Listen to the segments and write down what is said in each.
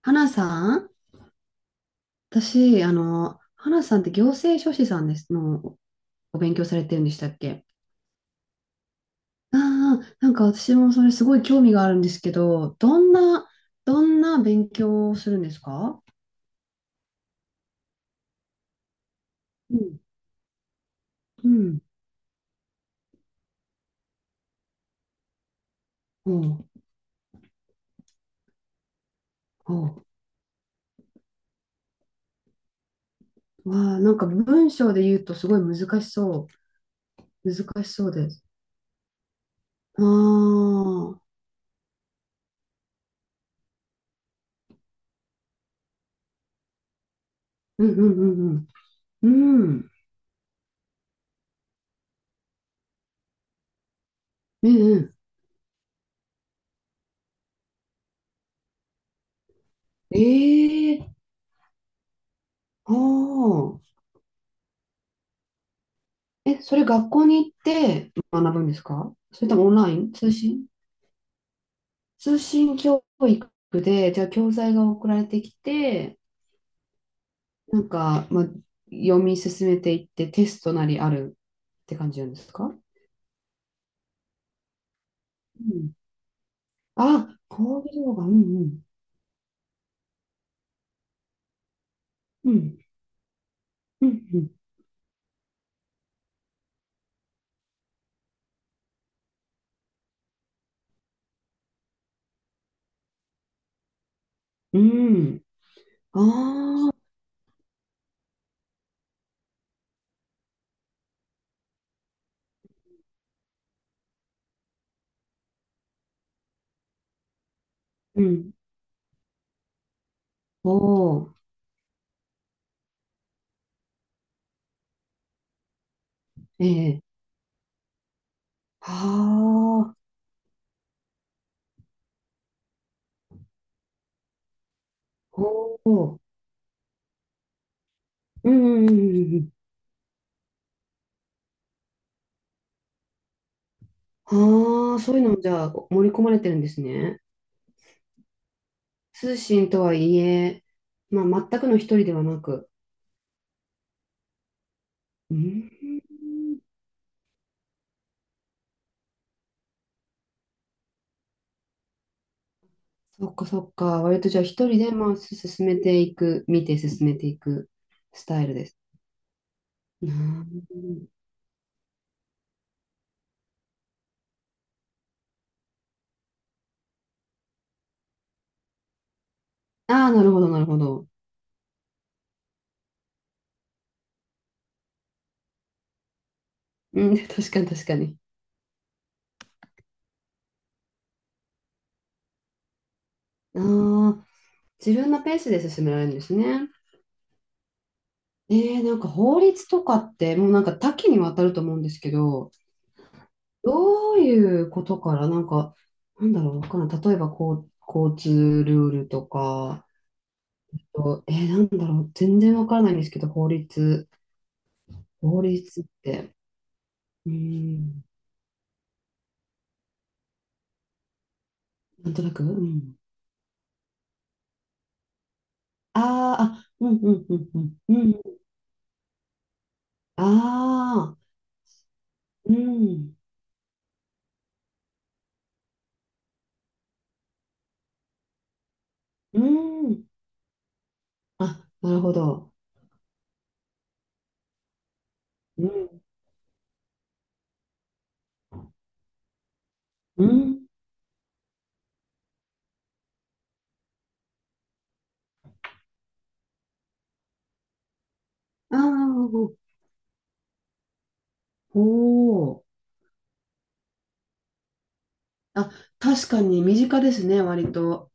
花さん。私、花さんって行政書士さんのおお勉強されてるんでしたっけ？ああ、なんか私もそれすごい興味があるんですけど、どんな勉強をするんですか？うん。うん。おう、おう。わあ、なんか文章で言うとすごい難しそう。難しそうです。ああ、うん。うん。うん。うん。うん。うん。うん。ええー、ああ。え、それ学校に行って学ぶんですか、それともオンライン、通信？通信教育で、じゃあ教材が送られてきて、なんか、まあ、読み進めていってテストなりあるって感じなんですか？うん。あ、講義動画、うん。うん。うん、うん、うん。うん、ああ、うん。おお、ええ。はあ、おお。うん、うん、うん。うん。うん。ああ、そういうのもじゃあ盛り込まれてるんですね。通信とはいえ、まあ、全くの一人ではなく。うーん、そっか、そっか。割とじゃあ一人で、まあ、す進めていく、見て進めていくスタイルです。ああー、なるほど、なるほど。うん、確かに、確かに。ああ、自分のペースで進められるんですね。えなんか法律とかって、もうなんか多岐にわたると思うんですけど、どういうことから、なんか、なんだろう、わからん。例えば、こう、交通ルールとか、と、なんだろう、全然わからないんですけど、法律って、うーん、なんとなく、うん。あーあ、うん。うん。うん。うん。うん、ああ、うん、うん、あ、なるほど、うん、うん、ああ、おお、あ、確かに身近ですね、割と。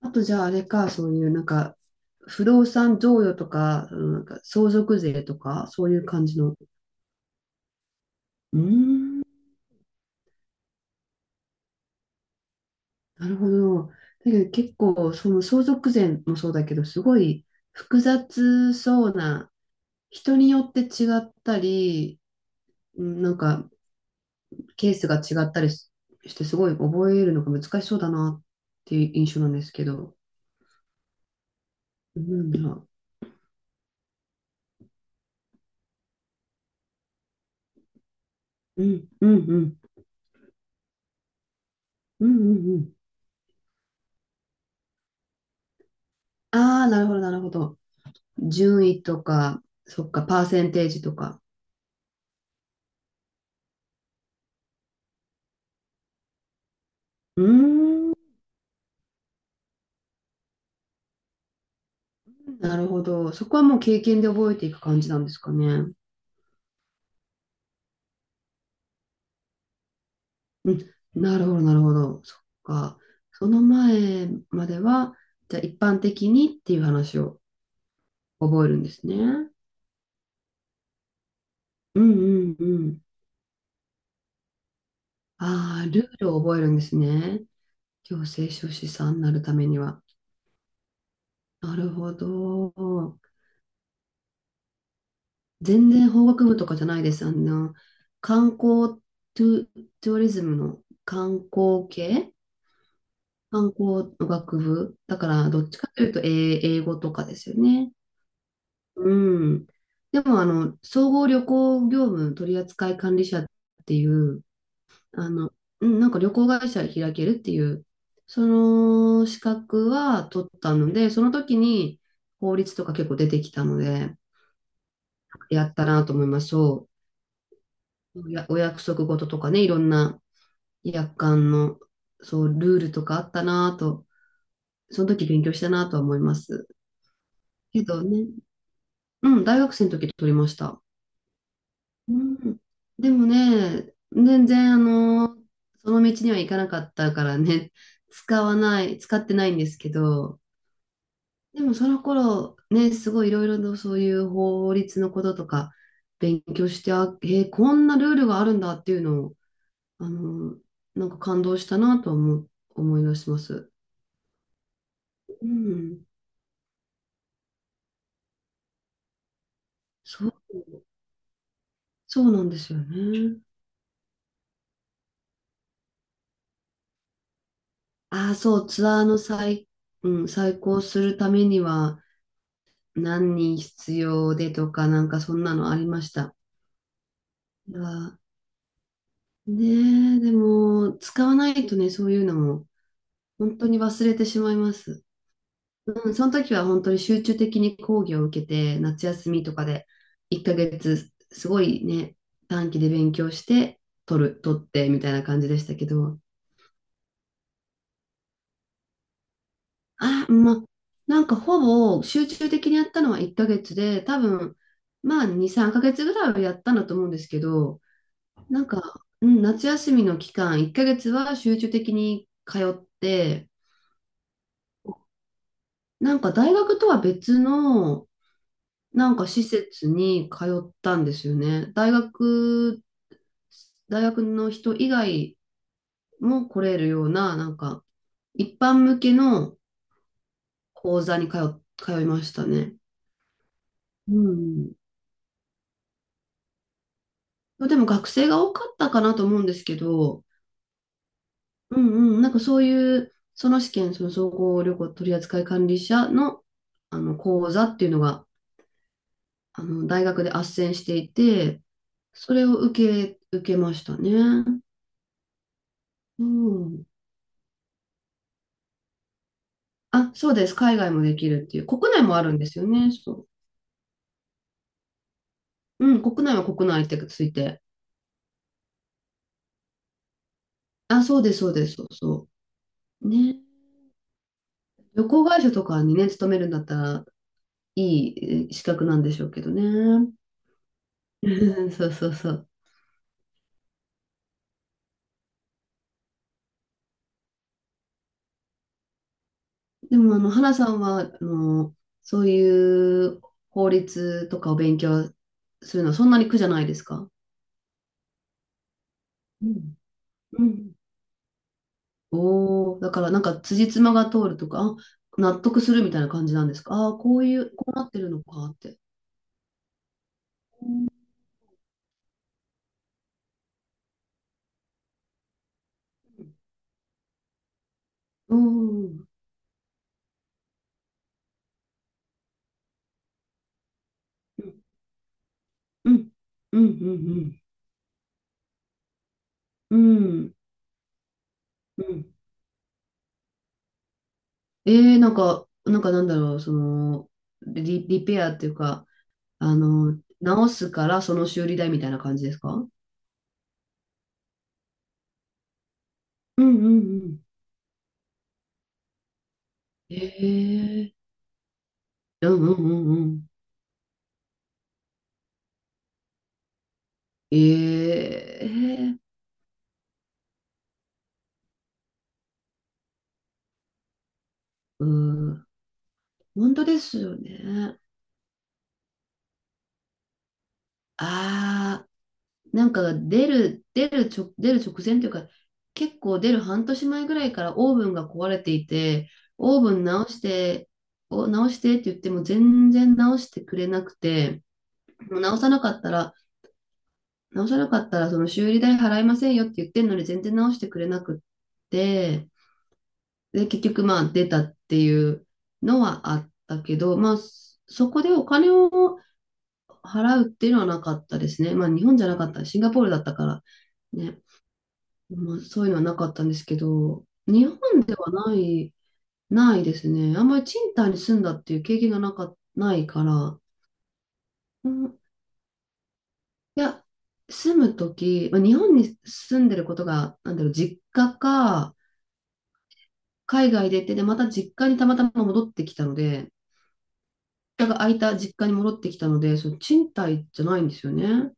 あとじゃああれか、そういうなんか、不動産贈与とか、うん、なんか相続税とか、そういう感じの。うーん、なるほど。だけど結構、その相続税もそうだけど、すごい複雑そうな、人によって違ったり、うん、なんかケースが違ったりして、すごい覚えるのが難しそうだなっていう印象なんですけど。なんだろう。うん、うん、うん。うん、うん、うん。ああ、なるほど、なるほど。順位とか、そっか、パーセンテージとか。うーん、なるほど。そこはもう経験で覚えていく感じなんですかね。うん、なるほど、なるほど。そっか。その前までは、じゃあ一般的にっていう話を覚えるんですね。うん。うん。うん。ああ、ルールを覚えるんですね。行政書士さんになるためには。なるほど。全然法学部とかじゃないです。あの、観光、トゥ、トゥーリズムの観光の学部。だから、どっちかというと英語とかですよね。うん。でも、あの、総合旅行業務取扱管理者っていう、あの、うん、なんか旅行会社開けるっていう、その資格は取ったので、その時に法律とか結構出てきたので、やったなと思います。そう。お約束事とかね、いろんな約款の、そう、ルールとかあったなと、その時勉強したなとは思います。けどね、うん、大学生の時取りました。うん、でもね、全然その道には行かなかったからね、使ってないんですけど、でもその頃ね、すごいいろいろとそういう法律のこととか勉強して、あ、こんなルールがあるんだっていうのを、あの、なんか感動したなと思い出します。うん、そう、そうなんですよね。ああ、そう、ツアーの最、うん、再考するためには、何人必要でとか、なんかそんなのありました。が、ねえ、でも、使わないとね、そういうのも、本当に忘れてしまいます。うん、その時は本当に集中的に講義を受けて、夏休みとかで、1ヶ月、すごいね、短期で勉強して、取って、みたいな感じでしたけど、あ、まあ、なんかほぼ集中的にやったのは1ヶ月で、多分、まあ2、3ヶ月ぐらいはやったんだと思うんですけど、なんか、うん、夏休みの期間、1ヶ月は集中的に通って、なんか大学とは別の、なんか施設に通ったんですよね。大学の人以外も来れるような、なんか、一般向けの講座に通いましたね。うん。うん。でも学生が多かったかなと思うんですけど、うん。うん。なんかそういう、その試験、その総合旅行取扱管理者の、あの講座っていうのが大学で斡旋していて、それを受けましたね。うん。あ、そうです。海外もできるっていう。国内もあるんですよね。そう。うん、国内は国内ってついて。あ、そうです、そうです、そうそう。ね。旅行会社とかにね、勤めるんだったら、いい資格なんでしょうけどね。うん、そう、そう、そう。でも、花さんは、そういう法律とかを勉強するのはそんなに苦じゃないですか？うん。うん、おお、だからなんか辻褄が通るとか、あ、納得するみたいな感じなんですか。ああー、こういう、こうなってるのかって。うん。うん。うん。うん。うん。うん。うん。えなんか、なんだろう、その、リペアっていうか、直すからその修理代みたいな感じですか？うん。うん。うん。えー、うん。うん。うん。うん。えー、うん、本当ですよね。ああ。なんか出る直前というか、結構出る半年前ぐらいからオーブンが壊れていて、オーブン直して、直してって言っても全然直してくれなくて、もう直さなかったらその修理代払いませんよって言ってんのに全然直してくれなくって、で、結局まあ出たっていうのはあったけど、まあそこでお金を払うっていうのはなかったですね。まあ日本じゃなかった、シンガポールだったから。ね、まあ、そういうのはなかったんですけど、日本ではない、ないですね。あんまり賃貸に住んだっていう経験がないから、うん、いや、住むとき、まあ、日本に住んでることが、なんだろう、実家か、海外でって、で、また実家にたまたま戻ってきたので、実家が空いた実家に戻ってきたので、その賃貸じゃないんですよね。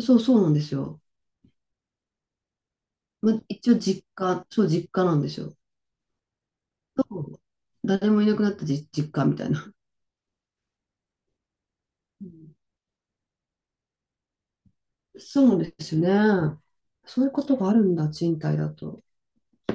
そうそうなんですよ。まあ、一応実家、そう実家なんですよ。そう、誰もいなくなった実家みたいな。うん、そうですね。そういうことがあるんだ、賃貸だと。